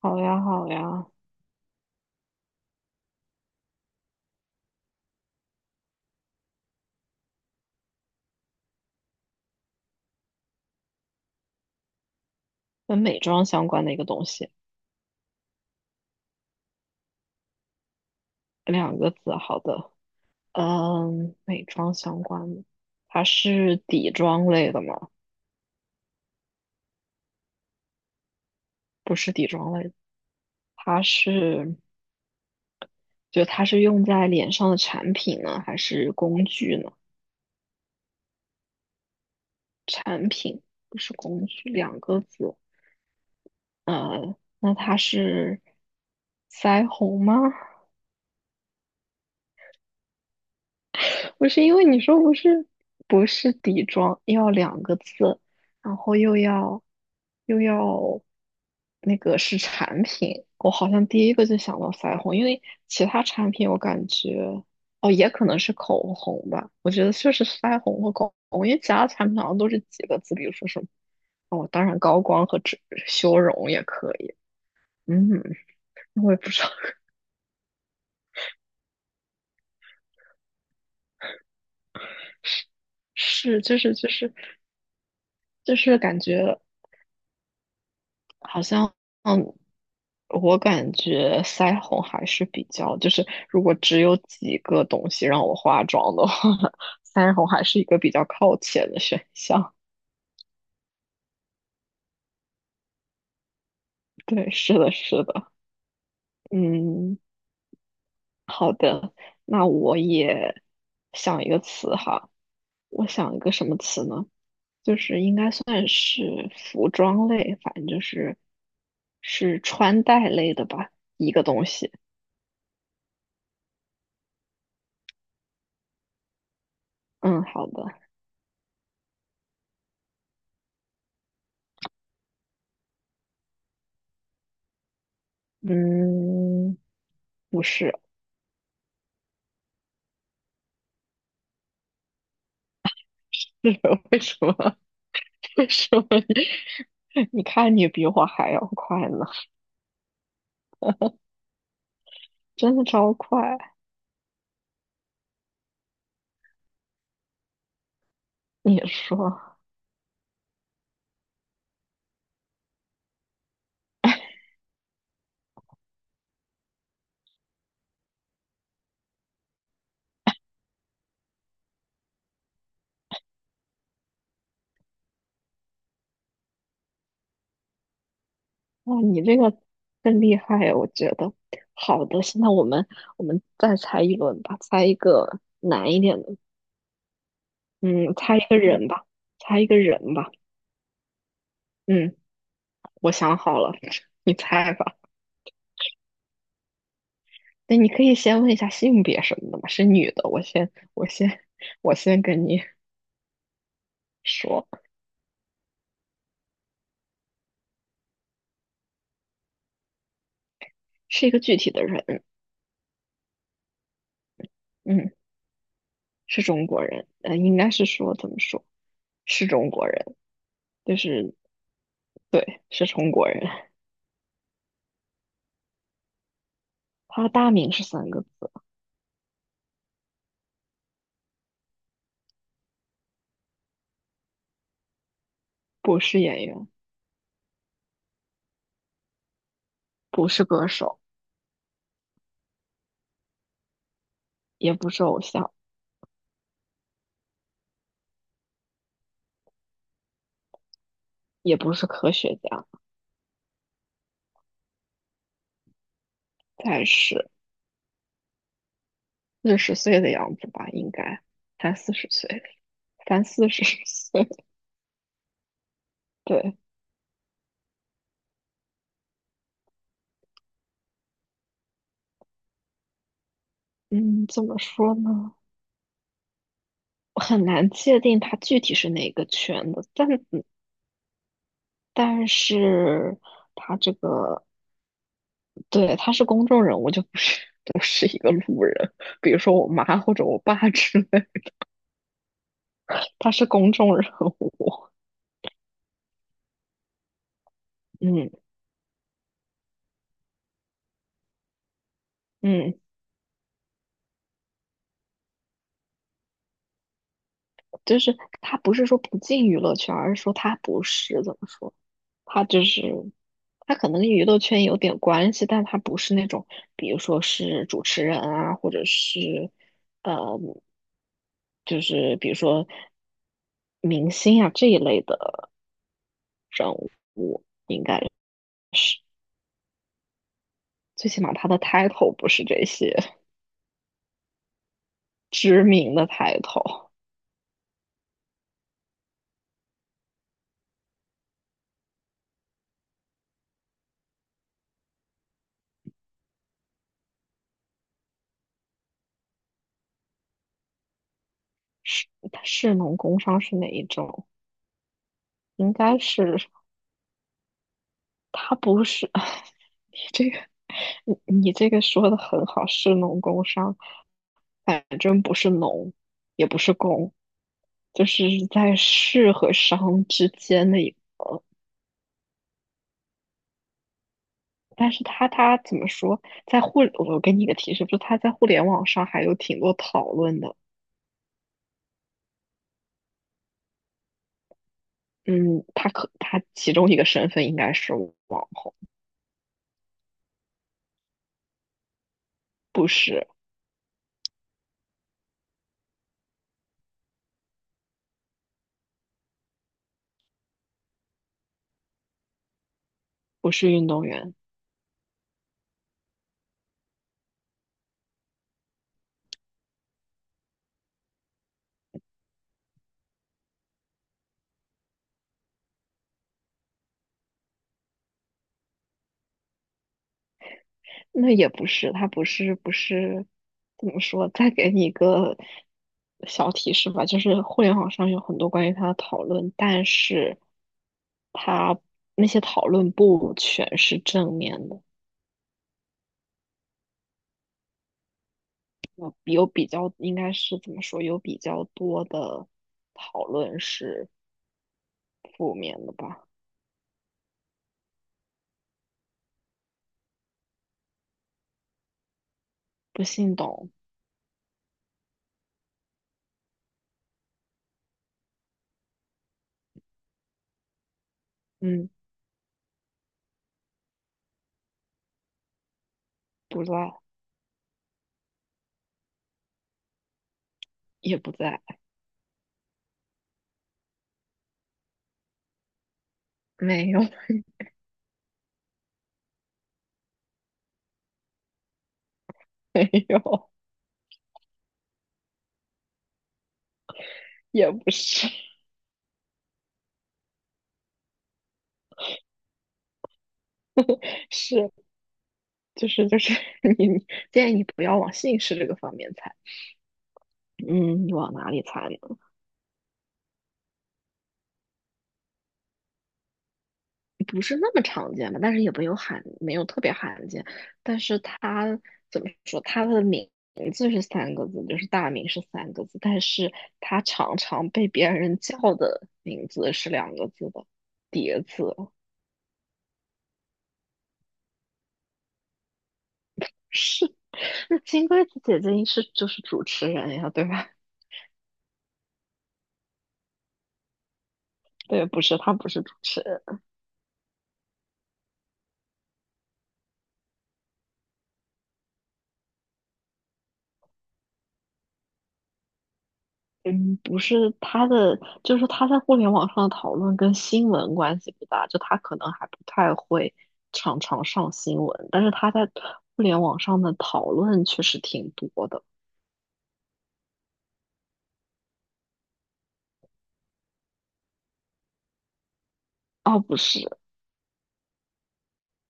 好呀，好呀。跟美妆相关的一个东西，两个字，好的。嗯，美妆相关的，它是底妆类的吗？不是底妆类的，它是，就它是用在脸上的产品呢，还是工具呢？产品，不是工具，两个字。那它是腮红吗？不是，因为你说不是底妆要两个字，然后又要那个是产品，我好像第一个就想到腮红，因为其他产品我感觉，哦，也可能是口红吧。我觉得就是腮红和口红，因为其他产品好像都是几个字，比如说什么。哦，当然高光和修容也可以。嗯，我也不知道。是，就是感觉。好像，嗯，我感觉腮红还是比较，就是如果只有几个东西让我化妆的话，腮红还是一个比较靠前的选项。对，是的，是的。嗯，好的。那我也想一个词哈，我想一个什么词呢？就是应该算是服装类，反正是穿戴类的吧，一个东西。嗯，好的。嗯，不是。是。为什么？为什么你？你看你比我还要快呢，真的超快！你说。哇，你这个更厉害啊，我觉得。好的，现在我们再猜一轮吧，猜一个难一点的。嗯，猜一个人吧，猜一个人吧。嗯，我想好了。你猜吧。那你可以先问一下性别什么的嘛，是女的，我先跟你说，是一个具体的人。嗯。是中国人，应该是说，怎么说，是中国人，就是，对，是中国人。他的大名是3个字。不是演员，不是歌手，也不是偶像，也不是科学家。但是四十岁的样子吧，应该三四十岁，三四十岁。对。嗯，怎么说呢？我很难界定他具体是哪个圈的，但是他这个，对，他是公众人物，就不是一个路人，比如说我妈或者我爸之类。他是公众人物。嗯嗯，就是他不是说不进娱乐圈，而是说他不是，怎么说，他就是他可能跟娱乐圈有点关系，但他不是那种，比如说是主持人啊，或者是，呃，就是比如说明星啊这一类的人物，是最起码他的 title 不是这些。知名的抬头，市农工商是哪一种？应该是，他不是，你这个你这个说的很好，市农工商，反正不是农，也不是工，就是在市和商之间的一个。但是他怎么说，我给你一个提示，就是它在互联网上还有挺多讨论的。嗯，他其中一个身份应该是网红，不是不是运动员。那也不是，怎么说？再给你一个小提示吧，就是互联网上有很多关于他的讨论，但是他那些讨论不全是正面的，有比较，应该是，怎么说，有比较多的讨论是负面的吧？不信懂。嗯，不在，也不在，没有。没有，也不是。是。就是 你建议你不要往姓氏这个方面猜。嗯，你往哪里猜呢？不是那么常见吧，但是也没有特别罕见。但是他怎么说，他的名字是三个字，就是大名是三个字，但是他常常被别人叫的名字是两个字的叠字哦。是，那金龟子姐姐就是主持人呀，对吧？对，不是，她不是主持人。嗯，不是他的，就是他在互联网上的讨论跟新闻关系不大，就他可能还不太会常常上新闻，但是他在互联网上的讨论确实挺多的。哦，不是，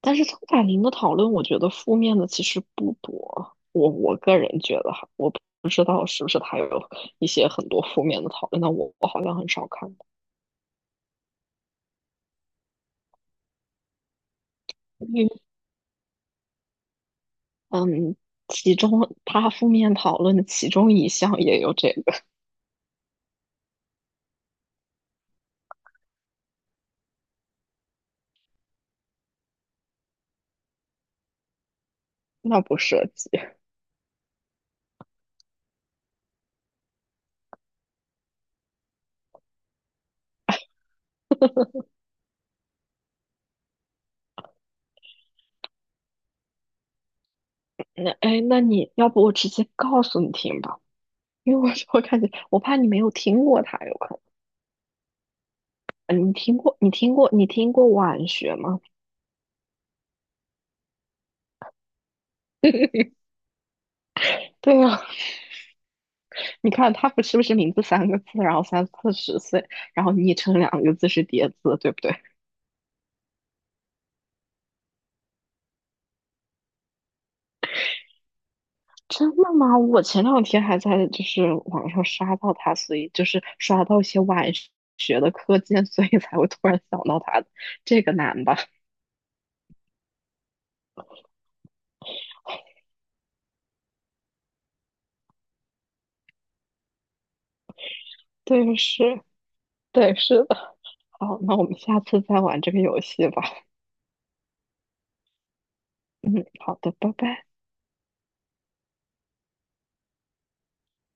但是张彩玲的讨论，我觉得负面的其实不多。我个人觉得哈，我不知道是不是他有一些很多负面的讨论，但我好像很少看到。嗯，嗯，其中他负面讨论的其中一项也有这个，那不涉及。那哎，诶那你要不我直接告诉你听吧，因为我感觉我怕你没有听过他，有可能。你听过晚学吗？对呀，你看他不是名字三个字，然后三四十岁，然后昵称两个字是叠字，对不对？真的吗？我前两天还在就是网上刷到他，所以就是刷到一些晚学的课件，所以才会突然想到他的。这个难吧？对，是，对，是的。好，那我们下次再玩这个游戏吧。嗯，好的，拜拜。